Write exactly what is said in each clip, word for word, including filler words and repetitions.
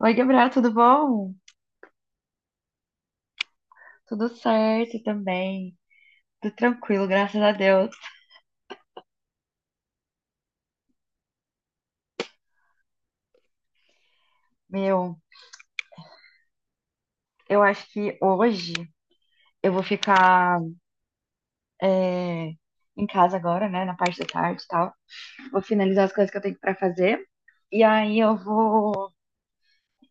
Oi, Gabriel, tudo bom? Tudo certo também. Tudo tranquilo, graças a Deus. Meu, eu acho que hoje eu vou ficar é, em casa agora, né? Na parte da tarde e tal. Vou finalizar as coisas que eu tenho pra fazer. E aí eu vou,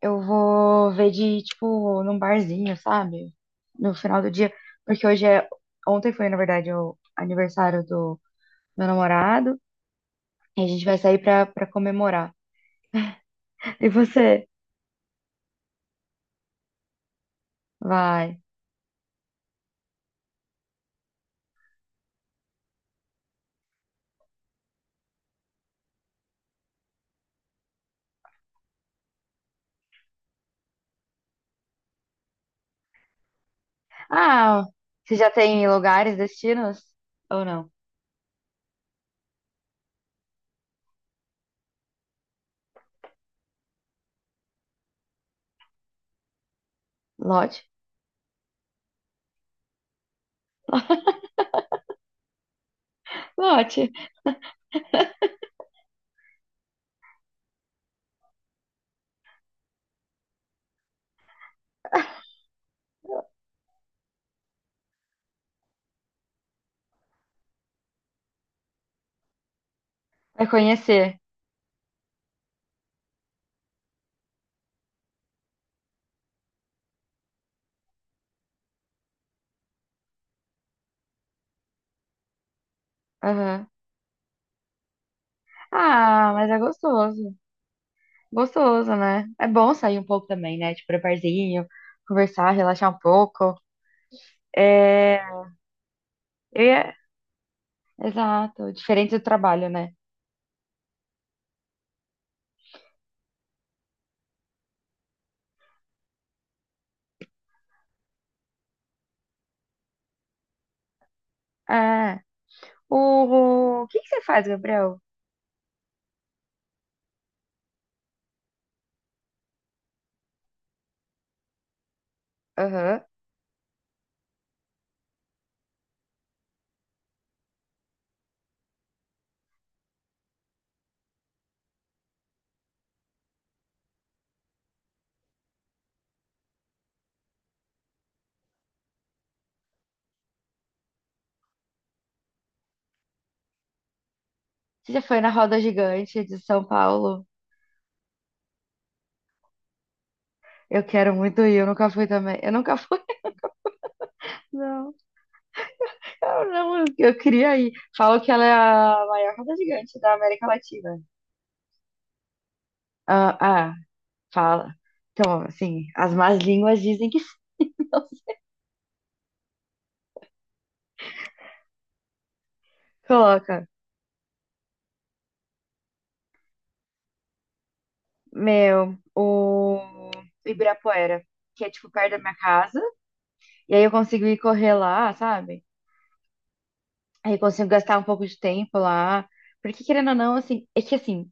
eu vou ver de, tipo, num barzinho, sabe? No final do dia. Porque hoje é. Ontem foi, na verdade, o aniversário do meu namorado. E a gente vai sair pra, pra comemorar. E você? Vai. Ah, você já tem lugares, destinos? Ou não? Lote? Lote. Vai conhecer. Aham. Ah, mas é gostoso. Gostoso, né? É bom sair um pouco também, né? Tipo, pra barzinho, conversar, relaxar um pouco. É. eu ia- Exato. Diferente do trabalho, né? É. O, o que que você faz, Gabriel? Aham. Você já foi na roda gigante de São Paulo? Eu quero muito ir, eu nunca fui também. Eu nunca fui, não. Eu não, eu eu queria ir. Falam que ela é a maior roda gigante da América Latina. Ah, ah, fala. Então, assim, as más línguas dizem que não. Coloca, meu, o Ibirapuera, que é tipo perto da minha casa. E aí eu consigo ir correr lá, sabe? Aí eu consigo gastar um pouco de tempo lá. Porque querendo ou não, assim, é que assim,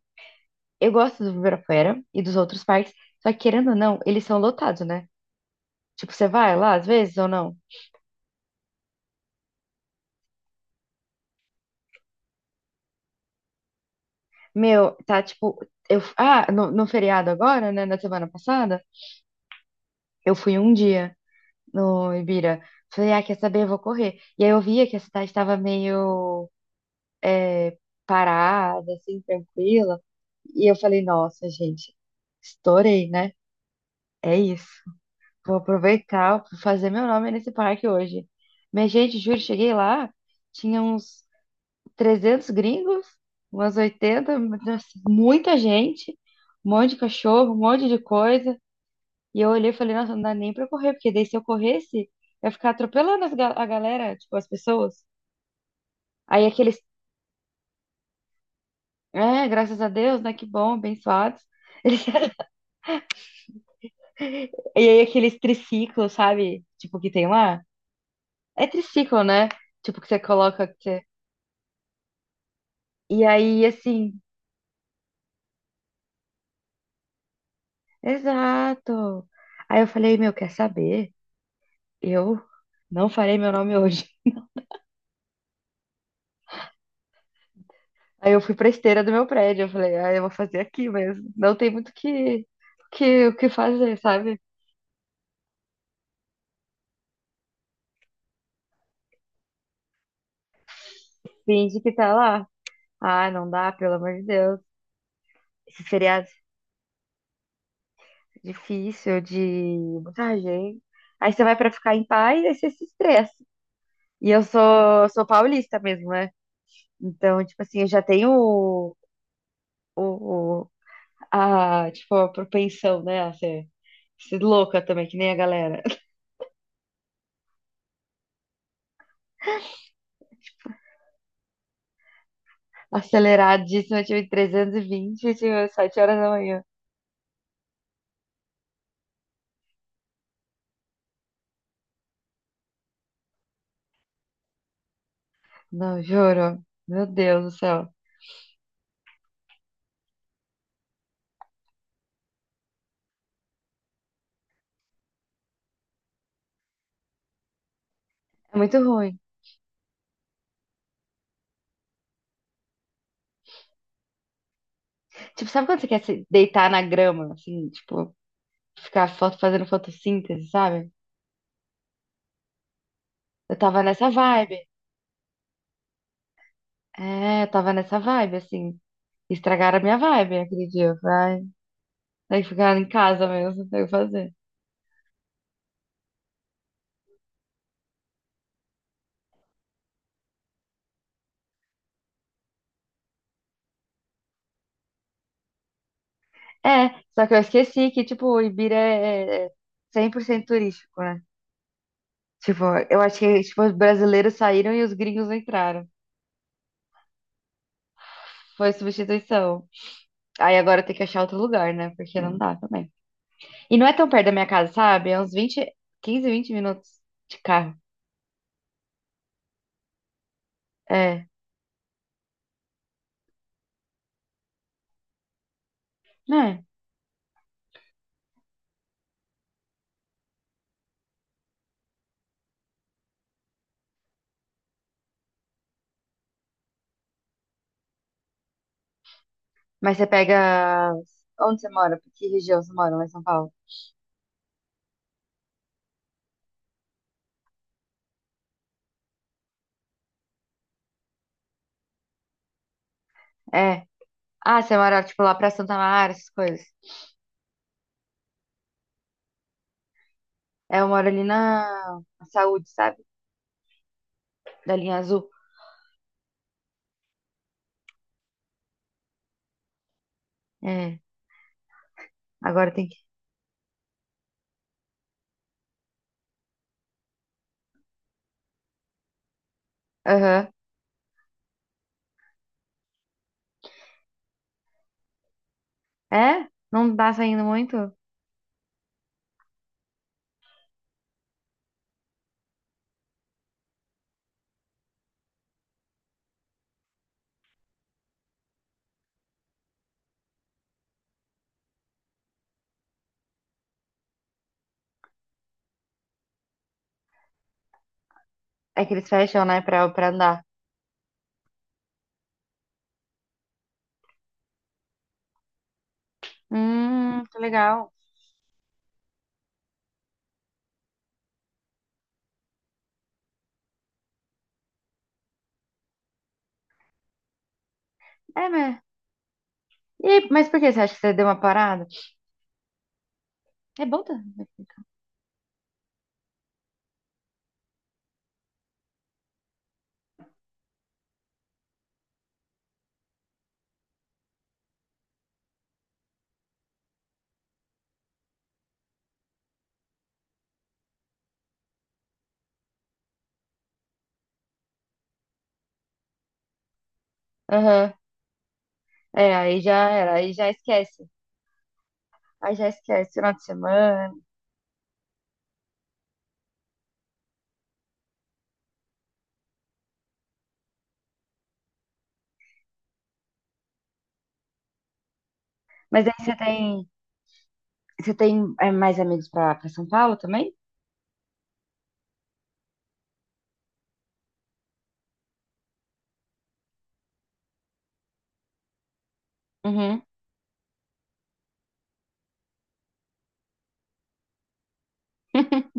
eu gosto do Ibirapuera e dos outros parques, só que querendo ou não, eles são lotados, né? Tipo, você vai lá às vezes ou não? Meu, tá tipo. Eu, ah, no, no feriado agora, né? Na semana passada, eu fui um dia no Ibira. Falei, ah, quer saber? Eu vou correr. E aí eu via que a cidade estava meio é, parada, assim, tranquila. E eu falei, nossa, gente, estourei, né? É isso. Vou aproveitar, vou fazer meu nome nesse parque hoje. Minha gente, juro, cheguei lá, tinha uns trezentos gringos, umas oitenta, nossa, muita gente, um monte de cachorro, um monte de coisa. E eu olhei e falei, nossa, não dá nem pra correr, porque daí se eu corresse, eu ia ficar atropelando as ga- a galera, tipo, as pessoas. Aí aqueles, é, graças a Deus, né, que bom, abençoados. E aí aqueles triciclos, sabe? Tipo, que tem lá. É triciclo, né? Tipo, que você coloca. Que você... E aí, assim, exato. Aí eu falei, meu, quer saber? Eu não farei meu nome hoje. Aí eu fui pra esteira do meu prédio, eu falei, ah, eu vou fazer aqui mesmo. Não tem muito o que, que, o que fazer, sabe? Finge que tá lá. Ah, não dá, pelo amor de Deus. Esse feriado é difícil, de muita gente. Aí você vai pra ficar em paz, aí você se estressa. E eu sou, sou paulista mesmo, né? Então, tipo assim, eu já tenho o, o, a, tipo, a propensão, né, a ser, ser louca também, que nem a galera. Aceleradíssima, eu tive trezentos e vinte, eu tive sete horas da manhã. Não, juro. Meu Deus do céu. É muito ruim. Tipo, sabe quando você quer se deitar na grama, assim, tipo, ficar foto, fazendo fotossíntese, sabe? Eu tava nessa vibe. É, eu tava nessa vibe, assim. Estragaram a minha vibe aquele dia. Eu falei, ai, tem que ficar em casa mesmo, não tem o que fazer. É, só que eu esqueci que, tipo, o Ibira é é é cem por cento turístico, né? Tipo, eu acho que tipo, os brasileiros saíram e os gringos entraram. Foi substituição. Aí agora tem que achar outro lugar, né? Porque não dá também. E não é tão perto da minha casa, sabe? É uns vinte, quinze, vinte minutos de carro. É, né? Mas você pega. Onde você mora? Que região você mora lá em São Paulo? É. Ah, você mora, tipo, lá pra Santa Mara, essas coisas. É, eu moro ali na na Saúde, sabe? Da linha azul. É. Agora tem que. Aham. É? Não tá saindo muito? É que eles fecham, né? Pra, pra andar. Hum, que legal. É, né? E, mas por que você acha que você deu uma parada? É bom também. É, aí já era, aí já esquece. Aí já esquece, final de semana. Mas aí você tem, você tem é, mais amigos pra, pra São Paulo também? Uhum.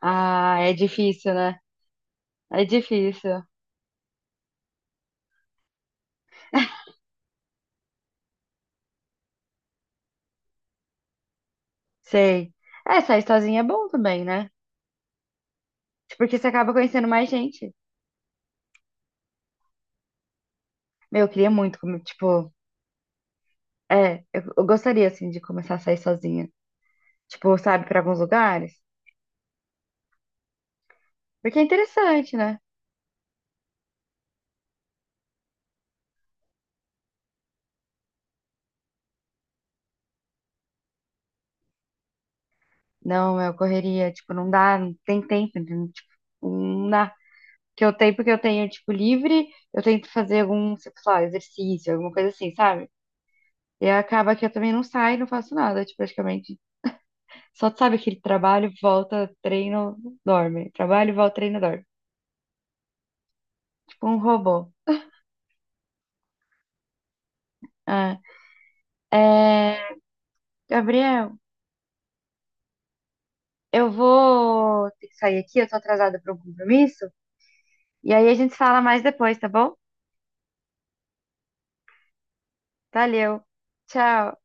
Ah, é difícil, né? É difícil. Sei. É, sair sozinha é bom também, né? Tipo, porque você acaba conhecendo mais gente. Meu, eu queria muito, como, tipo, é, eu, eu gostaria, assim, de começar a sair sozinha. Tipo, sabe, pra alguns lugares. Porque é interessante, né? Não, eu correria, tipo, não dá, não tem tempo, não, tipo, não dá. Que eu tenho, porque eu tenho, tipo, livre, eu tento fazer algum, sei lá, exercício, alguma coisa assim, sabe? E acaba que eu também não saio, não faço nada, tipo, praticamente. Só sabe aquele trabalho, volta, treino, dorme. Trabalho, volta, treino, dorme. Tipo um robô. Ah, é... Gabriel, eu vou ter que sair aqui, eu tô atrasada para um compromisso. E aí a gente fala mais depois, tá bom? Valeu. Tchau.